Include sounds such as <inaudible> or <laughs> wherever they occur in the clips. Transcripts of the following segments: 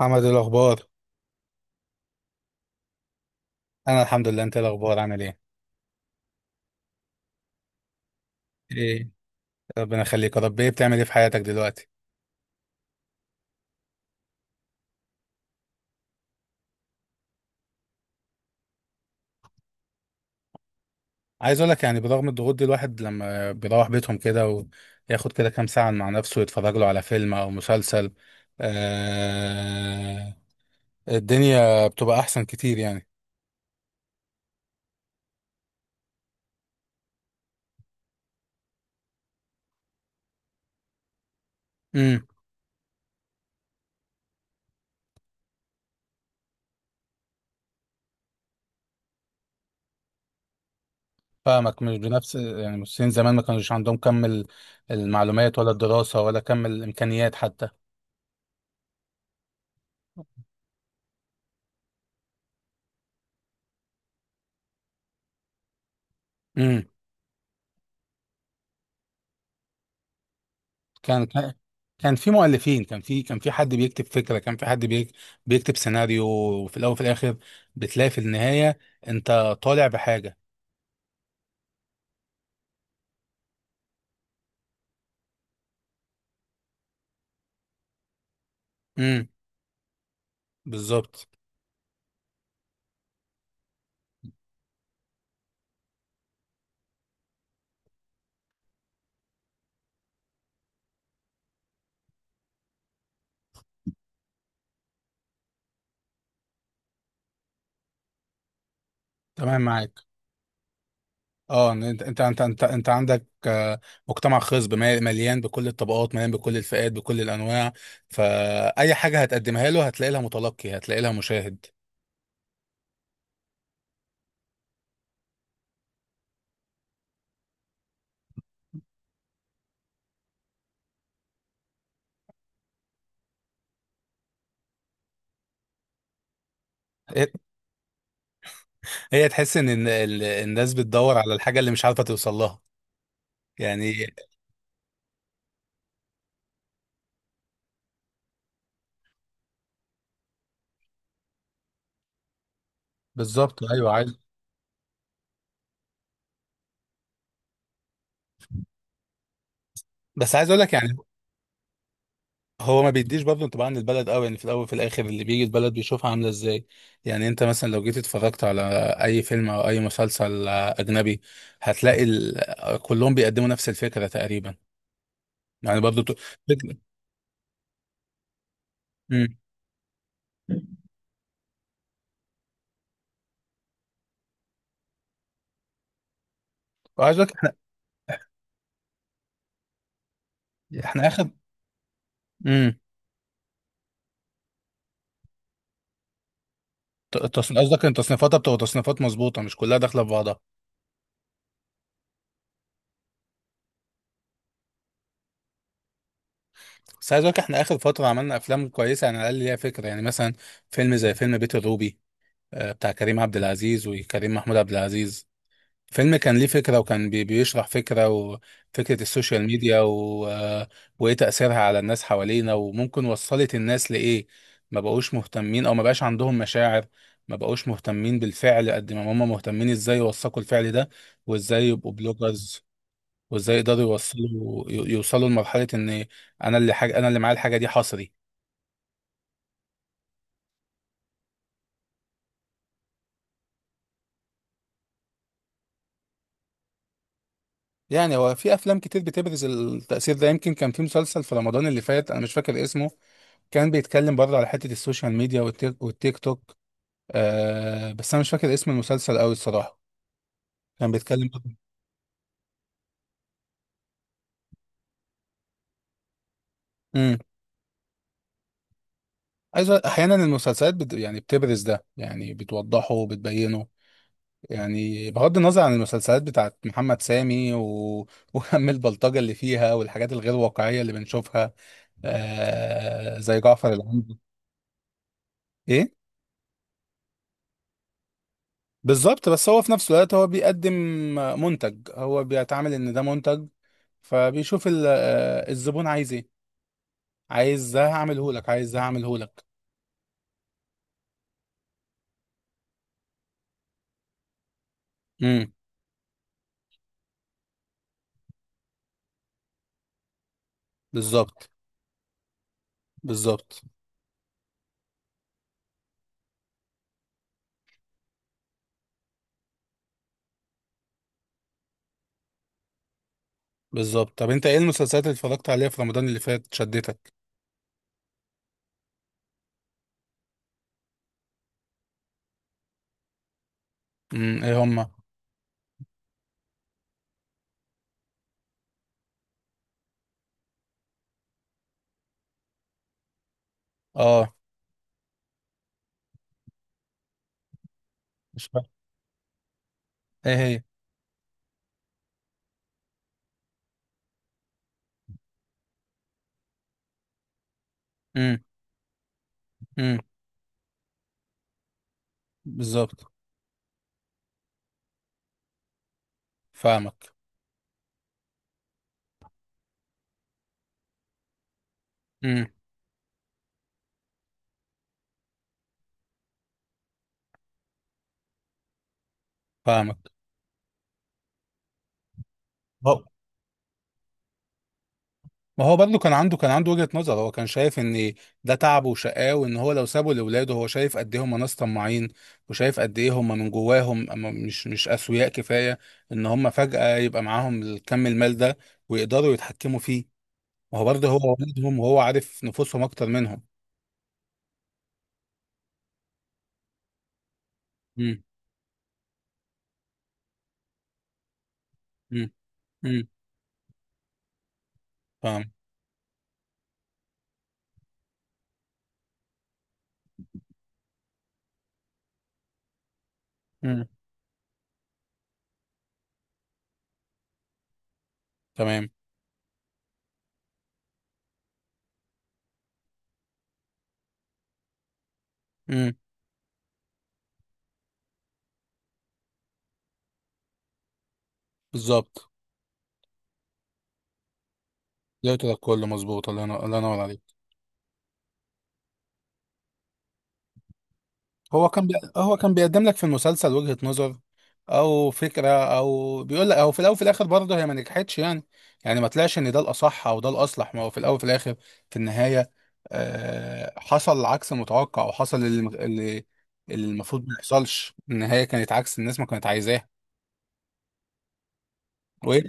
محمد، إيه الاخبار؟ انا الحمد لله. انت إيه الاخبار؟ عامل ايه؟ ايه. ربنا يخليك يا رب. ايه بتعمل ايه في حياتك دلوقتي؟ عايز اقول لك يعني برغم الضغوط دي الواحد لما بيروح بيتهم كده وياخد كده كام ساعه مع نفسه يتفرج له على فيلم او مسلسل. آه، الدنيا بتبقى احسن كتير يعني. امم فاهمك، مش بنفس يعني. المصريين زمان ما كانوش عندهم كم المعلومات ولا الدراسه ولا كم الامكانيات حتى. امم كان كان في مؤلفين، كان في حد بيكتب فكرة، كان في حد بيكتب سيناريو، وفي الأول وفي الآخر بتلاقي في النهاية أنت طالع بحاجة. امم بالظبط. تمام معاك. اه، إن انت عندك مجتمع خصب مليان بكل الطبقات، مليان بكل الفئات بكل الانواع. فاي حاجه هتقدمها له هتلاقي لها متلقي، هتلاقي لها مشاهد. هي هي تحس ان إن الناس بتدور على الحاجه اللي مش عارفه توصل لها يعني. بالظبط، ايوه، عايز. بس عايز اقول لك يعني هو ما بيديش برضه انطباع عن البلد قوي. يعني في الاول وفي الاخر اللي بيجي البلد بيشوفها عامله ازاي. يعني انت مثلا لو جيت اتفرجت على اي فيلم او اي مسلسل اجنبي هتلاقي كلهم بيقدموا نفس الفكره تقريبا. يعني برضه فكره. امم وعايز أقولك احنا اخر. امم قصدك ان تصنيفاتها بتبقى تصنيفات مظبوطه مش كلها داخله في بعضها. بس عايز اقول لك احنا اخر فتره عملنا افلام كويسه يعني، على الاقل ليها فكره. يعني مثلا فيلم زي فيلم بيت الروبي، آه، بتاع كريم عبد العزيز وكريم محمود عبد العزيز. فيلم كان ليه فكرة وكان بيشرح فكرة، وفكرة السوشيال ميديا و... آه، وإيه تأثيرها على الناس حوالينا وممكن وصلت الناس لإيه. ما بقوش مهتمين أو ما بقاش عندهم مشاعر، ما بقوش مهتمين بالفعل قد ما هم مهتمين إزاي يوثقوا الفعل ده وإزاي يبقوا بلوجرز وإزي يقدروا يوصلوا يوصلوا لمرحلة إن أنا اللي حاجة، أنا اللي معايا الحاجة دي حصري. يعني هو في افلام كتير بتبرز التأثير ده. يمكن كان في مسلسل في رمضان اللي فات انا مش فاكر اسمه، كان بيتكلم برضه على حتة السوشيال ميديا والتيك توك. آه، بس انا مش فاكر اسم المسلسل قوي الصراحة. كان بيتكلم برضه. امم احيانا المسلسلات يعني بتبرز ده، يعني بتوضحه وبتبينه، يعني بغض النظر عن المسلسلات بتاعت محمد سامي و... <laughs> وهم البلطجة اللي فيها والحاجات الغير واقعية اللي بنشوفها، آه، زي جعفر العمدة. ايه. بالظبط، بس هو في نفس الوقت هو بيقدم منتج، هو بيتعامل ان ده منتج، فبيشوف الزبون عايز ايه. عايز ده هعمله لك، عايز ده هعمله لك. امم بالظبط بالظبط بالظبط. طب انت ايه المسلسلات اللي اتفرجت عليها في رمضان اللي فات شدتك؟ ايه هما؟ اه. مش فاهم. ايه هي؟ امم امم بالظبط. فاهمك. امم فاهمك. ما هو برضه كان عنده وجهة نظر. هو كان شايف ان ده تعبه وشقاه، وان هو لو سابه لاولاده هو شايف قد ايه هم ناس طماعين، وشايف قد ايه هم من جواهم أما مش اسوياء كفاية ان هم فجأة يبقى معاهم الكم المال ده ويقدروا يتحكموا فيه. ما هو برضه هو والدهم وهو عارف نفوسهم اكتر منهم. امم امم امم فاهم. امم تمام. امم بالظبط. لقيت ده كله مظبوط. الله ينور، الله ينور عليك. هو كان بيقدم لك في المسلسل وجهة نظر او فكرة، او بيقول لك، او في الاول وفي الاخر برضه هي ما نجحتش يعني. يعني ما طلعش ان ده الاصح او ده الاصلح. ما هو في الاول وفي الاخر في النهاية آه حصل العكس المتوقع، وحصل اللي اللي المفروض ما يحصلش. النهاية كانت عكس الناس ما كانت عايزاها. وايه.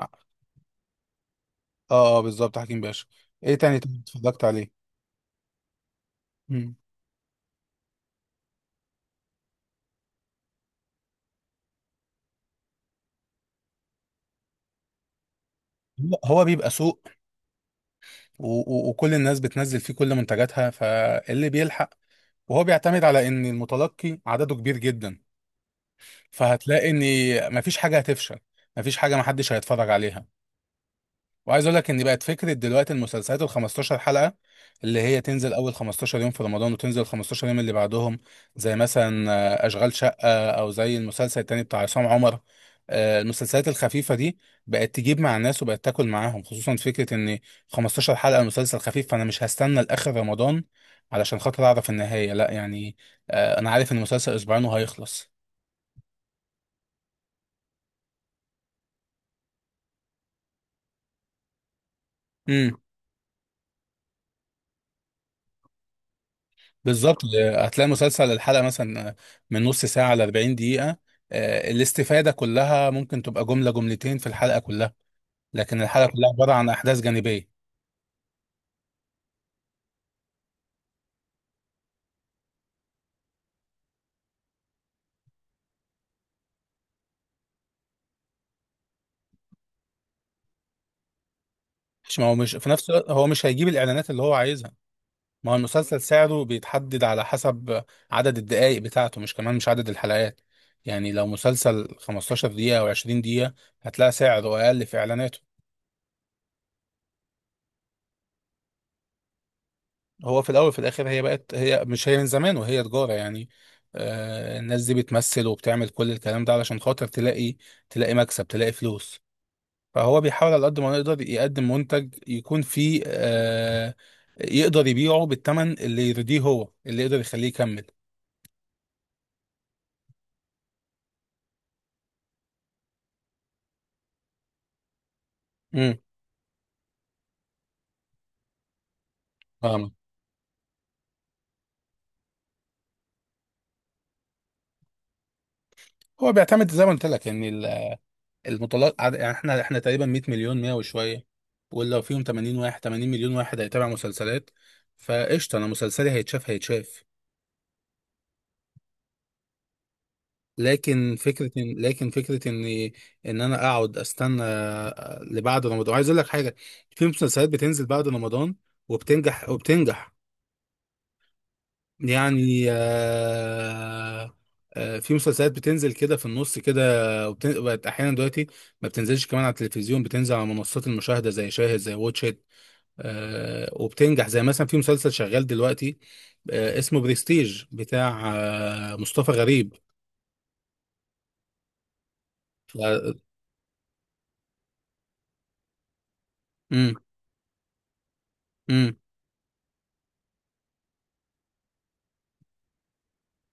اه، آه، بالظبط، حكيم باشا. ايه تاني طيب اتفرجت عليه؟ مم. هو بيبقى سوء، وكل الناس بتنزل فيه كل منتجاتها فاللي بيلحق، وهو بيعتمد على ان المتلقي عدده كبير جدا، فهتلاقي ان مفيش حاجه هتفشل، مفيش حاجه محدش هيتفرج عليها. وعايز اقول لك ان بقت فكره دلوقتي المسلسلات ال 15 حلقه، اللي هي تنزل اول 15 يوم في رمضان وتنزل 15 يوم اللي بعدهم. زي مثلا آه، اشغال شقه، او زي المسلسل التاني بتاع عصام عمر. آه، المسلسلات الخفيفه دي بقت تجيب مع الناس وبقت تاكل معاهم، خصوصا فكره ان 15 حلقه مسلسل خفيف، فانا مش هستنى لاخر رمضان علشان خاطر اعرف النهايه لا يعني. آه، انا عارف ان المسلسل اسبوعين وهيخلص. بالظبط. هتلاقي مسلسل الحلقة مثلا من نص ساعة ل 40 دقيقة، آه، الاستفادة كلها ممكن تبقى جملة جملتين في الحلقة كلها، لكن الحلقة كلها عبارة عن أحداث جانبية. مش، ما هو مش في نفس الوقت هو مش هيجيب الإعلانات اللي هو عايزها. ما هو المسلسل سعره بيتحدد على حسب عدد الدقائق بتاعته، مش كمان مش عدد الحلقات. يعني لو مسلسل 15 دقيقة أو 20 دقيقة هتلاقي سعره أقل في إعلاناته. هو في الاول وفي الاخر هي بقت، هي مش هي من زمان، وهي تجاره يعني. آه، الناس دي بتمثل وبتعمل كل الكلام ده علشان خاطر تلاقي، تلاقي مكسب، تلاقي فلوس. فهو بيحاول على قد ما يقدر يقدم منتج يكون فيه آه يقدر يبيعه بالثمن اللي يرضيه، هو اللي يقدر يخليه يكمل. امم فاهمك. هو بيعتمد زي ما قلت لك ان يعني احنا تقريبا 100 مليون 100 وشويه، ولو فيهم 80 مليون واحد هيتابع مسلسلات فقشطه، انا مسلسلي هيتشاف هيتشاف. لكن فكرة إن إن أنا أقعد أستنى لبعد رمضان. عايز أقول لك حاجة، في مسلسلات بتنزل بعد رمضان وبتنجح وبتنجح. يعني في مسلسلات بتنزل كده في النص كده، بقت أحيانا دلوقتي ما بتنزلش كمان على التلفزيون، بتنزل على منصات المشاهدة زي شاهد زي واتشيت. آه، وبتنجح، زي مثلا في مسلسل شغال دلوقتي آه، اسمه بريستيج بتاع آه، مصطفى غريب. ف- مم، مم،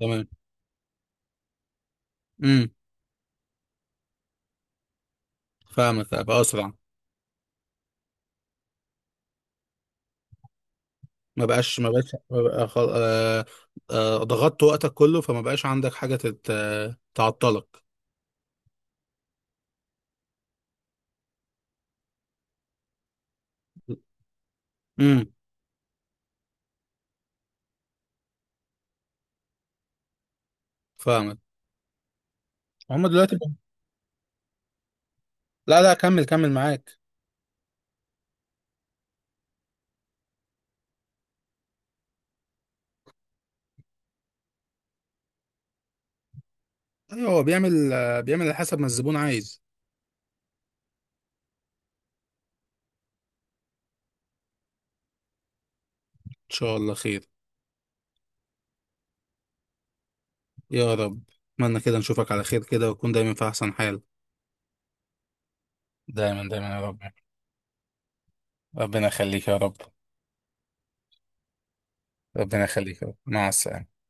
تمام. امم فاهمك، ابقى اسرع. ما بقى ضغطت وقتك كله فما بقاش عندك حاجه تت... آه، تعطلك. امم فاهمك. هم دلوقتي ب- لا لا، كمل معاك. ايوه، هو بيعمل آه، بيعمل على حسب ما الزبون عايز. ان شاء الله خير. يا رب. اتمنى كده نشوفك على خير كده، وتكون دايما في احسن حال. دايما دايما يا رب. ربنا يخليك يا رب. ربنا يخليك يا رب، مع السلامة.